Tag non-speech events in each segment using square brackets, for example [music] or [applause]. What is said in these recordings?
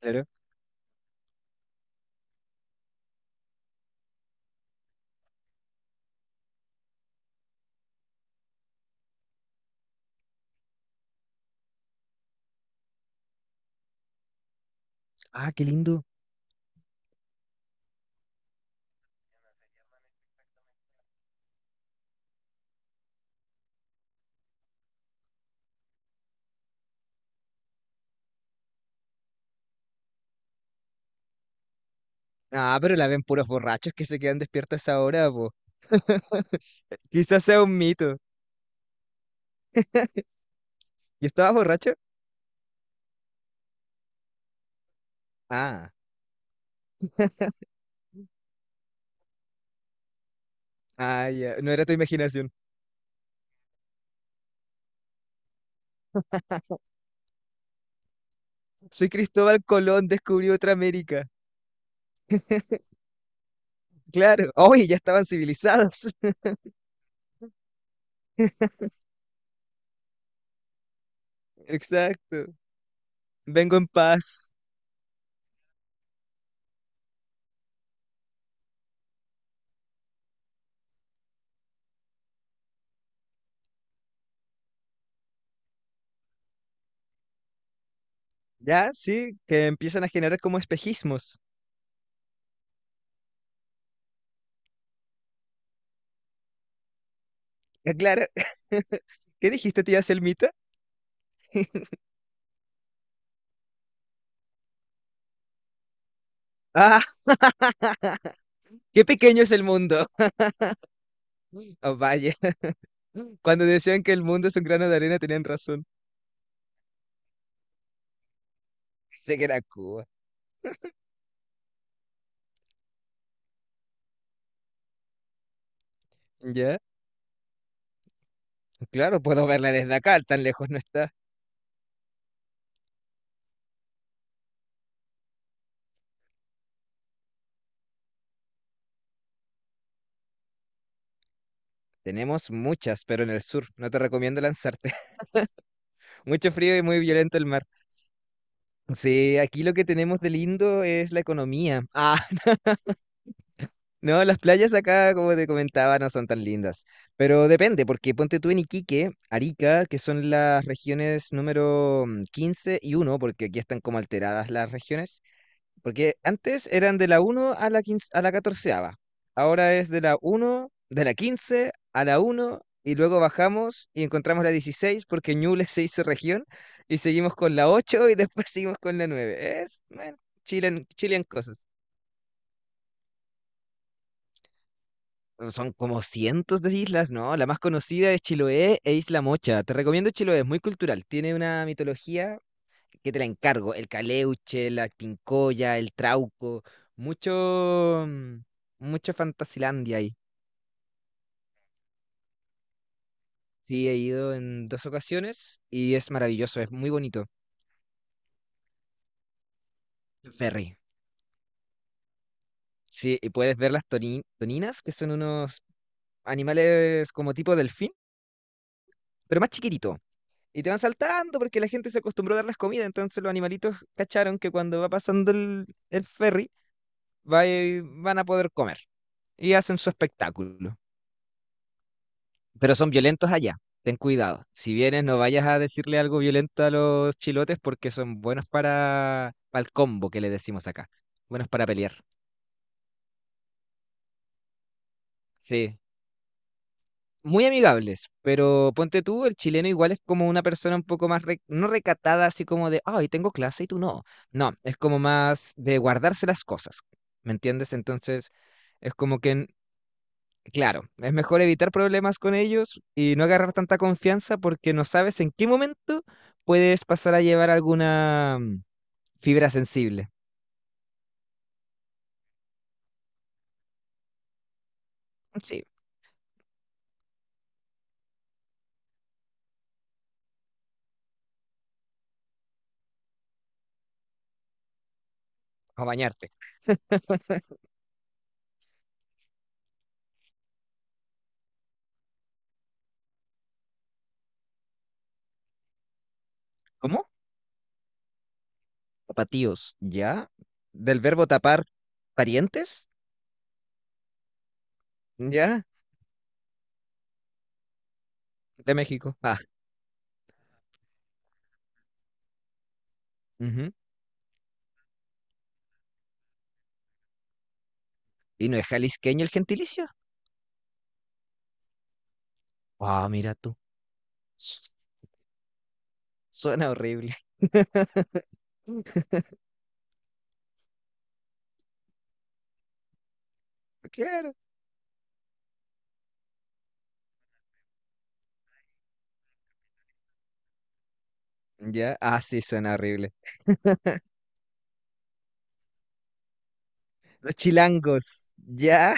Claro. Ah, qué lindo. Ah, pero la ven puros borrachos que se quedan despiertos a esa hora, po. Quizás sea un mito. ¿Y estabas borracho? Ah, [laughs] ah, ya. No era tu imaginación. Soy Cristóbal Colón, descubrí otra América. Claro. Oye, ya estaban civilizados. [laughs] Exacto. Vengo en paz. Ya, sí, que empiezan a generar como espejismos. Ya, claro. [laughs] ¿Qué dijiste, tía Selmita? Ah, qué pequeño es el mundo. Oh, vaya. [laughs] Cuando decían que el mundo es un grano de arena, tenían razón. Sé que era Cuba. Ya, claro, puedo verla desde acá, tan lejos no está. Tenemos muchas, pero en el sur, no te recomiendo lanzarte. [laughs] Mucho frío y muy violento el mar. Sí, aquí lo que tenemos de lindo es la economía. Ah, [laughs] no, las playas acá, como te comentaba, no son tan lindas. Pero depende, porque ponte tú en Iquique, Arica, que son las regiones número 15 y uno, porque aquí están como alteradas las regiones. Porque antes eran de la uno a la 15 a la catorceava. Ahora es de la uno de la 15 a la uno y luego bajamos y encontramos la 16 porque Ñuble [laughs] se hizo región y seguimos con la 8 y después seguimos con la nueve. Es, bueno, chilen cosas. Son como cientos de islas, ¿no? La más conocida es Chiloé e Isla Mocha. Te recomiendo Chiloé, es muy cultural. Tiene una mitología que te la encargo, el caleuche, la pincoya, el trauco, mucho, mucho Fantasilandia ahí. Sí, he ido en dos ocasiones y es maravilloso, es muy bonito. Ferry. Sí, y puedes ver las toninas, que son unos animales como tipo delfín, pero más chiquitito. Y te van saltando porque la gente se acostumbró a darles comida, entonces los animalitos cacharon que cuando va pasando el ferry, van a poder comer y hacen su espectáculo. Pero son violentos allá. Ten cuidado. Si vienes, no vayas a decirle algo violento a los chilotes porque son buenos para el combo que le decimos acá. Buenos para pelear. Sí. Muy amigables, pero ponte tú, el chileno igual es como una persona un poco más, no recatada, así como de, ay, tengo clase y tú no. No, es como más de guardarse las cosas, ¿me entiendes? Entonces, es como que, claro, es mejor evitar problemas con ellos y no agarrar tanta confianza porque no sabes en qué momento puedes pasar a llevar alguna fibra sensible. Sí, o bañarte. [laughs] ¿Cómo? Tapatíos, ¿ya? Del verbo tapar parientes, ¿ya? De México. Ah, ujú. ¿Y no es jalisqueño el gentilicio? Ah, mira tú. Su- Suena horrible. [laughs] Claro. ¿Ya? Ah, sí, suena horrible. Los chilangos, ¿ya?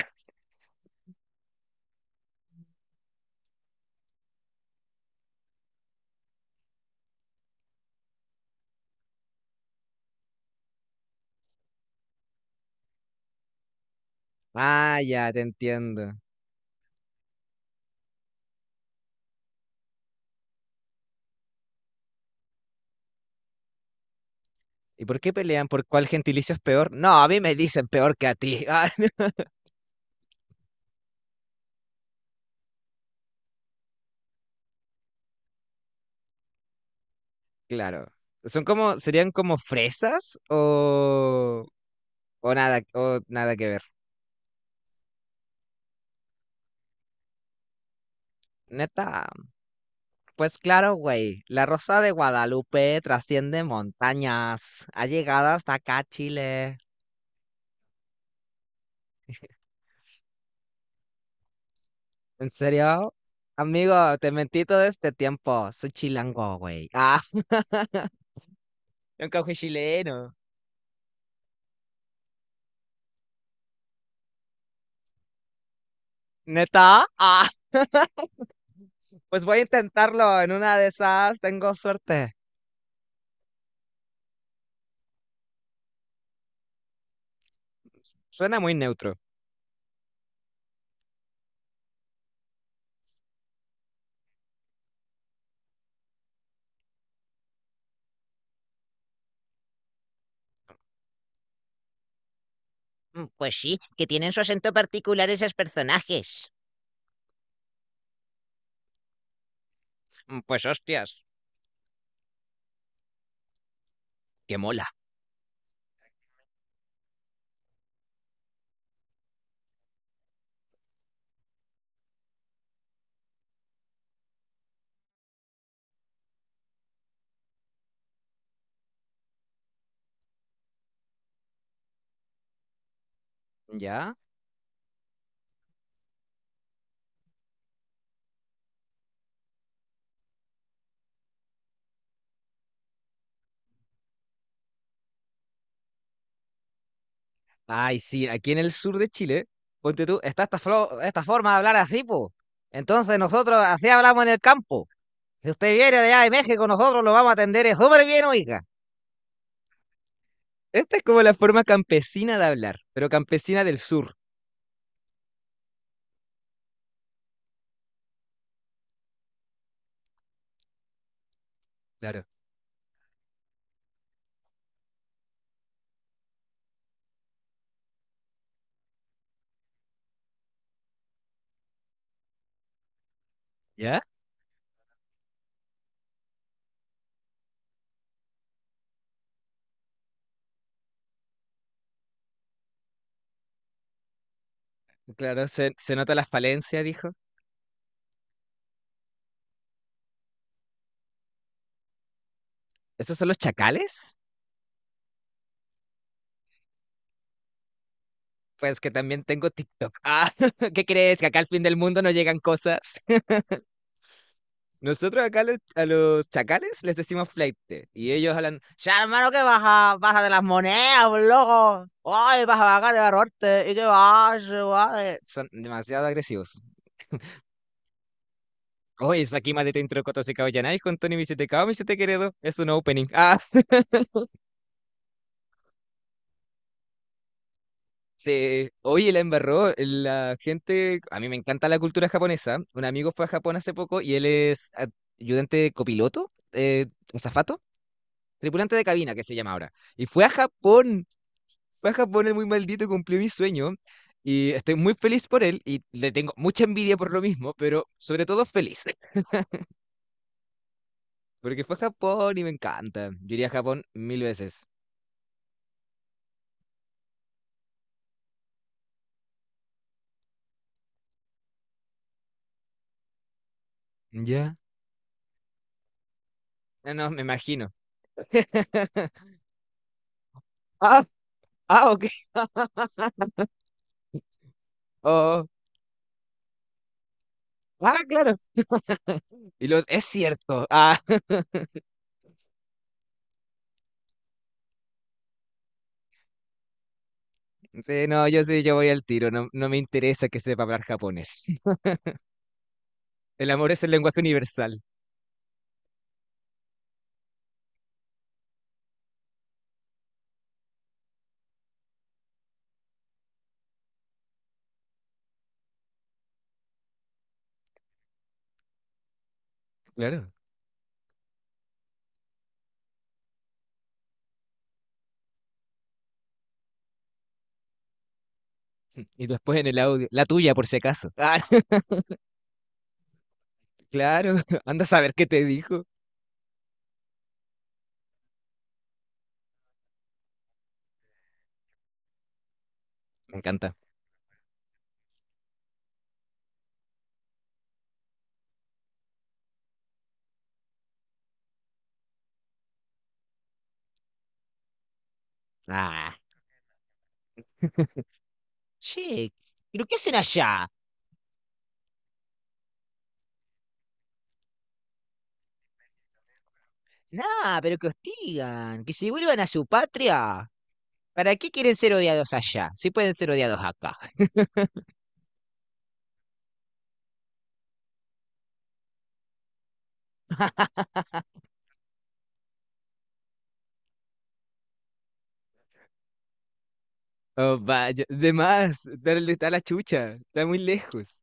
Ah, ya, te entiendo. ¿Y por qué pelean? ¿Por cuál gentilicio es peor? No, a mí me dicen peor que a ti. [laughs] Ah, claro. Son como, serían como fresas o nada que ver. Neta, pues claro, güey. La Rosa de Guadalupe trasciende montañas. Ha llegado hasta acá, Chile. ¿En serio? Amigo, te mentí todo este tiempo. Soy chilango, güey. Ah, nunca fui chileno. ¿Neta? Ah, pues voy a intentarlo. En una de esas tengo suerte. Suena muy neutro. Mm, pues sí, que tienen su acento particular esos personajes. Mm, pues hostias, que mola. ¿Ya? Ay, sí, aquí en el sur de Chile, ponte tú, está esta, esta forma de hablar así, po. Entonces nosotros así hablamos en el campo. Si usted viene de allá de México, nosotros lo vamos a atender súper bien, oiga. Esta es como la forma campesina de hablar, pero campesina del sur. Claro. ¿Ya? Claro, se nota la falencia, dijo. ¿Estos son los chacales? Pues que también tengo TikTok. Ah, [laughs] ¿qué crees? Que acá al fin del mundo no llegan cosas. Nosotros acá a los chacales les decimos fleite y ellos hablan, ya hermano, ¿qué baja? Baja de las monedas, pues, loco. Ay, vas a bajar de barrote. ¿Y qué vas? Guade?". Son demasiado agresivos. Oye, es aquí más de Tintro Coto se Caballanáis con Tony Visetecao, Vicete Queredo. Es un opening. [laughs] Ah, sí. Oye, la embarró. La gente. A mí me encanta la cultura japonesa. Un amigo fue a Japón hace poco y él es ayudante copiloto, azafato, tripulante de cabina, que se llama ahora. Y fue a Japón. Fue a Japón el muy maldito, cumplió mi sueño y estoy muy feliz por él y le tengo mucha envidia por lo mismo, pero sobre todo feliz, [laughs] porque fue a Japón y me encanta. Yo iría a Japón mil veces. Ya. No, no, me imagino. [laughs] Ah, ah, ok. Oh, ah, claro. Y lo, es cierto. Ah, [laughs] sí, no, yo sí, yo voy al tiro. No, no me interesa que sepa hablar japonés. [laughs] El amor es el lenguaje universal. Claro. Y después en el audio, la tuya, por si acaso. Ah, [laughs] claro. Anda a saber qué te dijo. Me encanta. Ah. [laughs] Che, ¿pero qué hacen allá? Nah, pero que hostigan, que se vuelvan a su patria. ¿Para qué quieren ser odiados allá? Si pueden ser odiados acá. Oh, vaya, de más, dale, está la chucha, está muy lejos.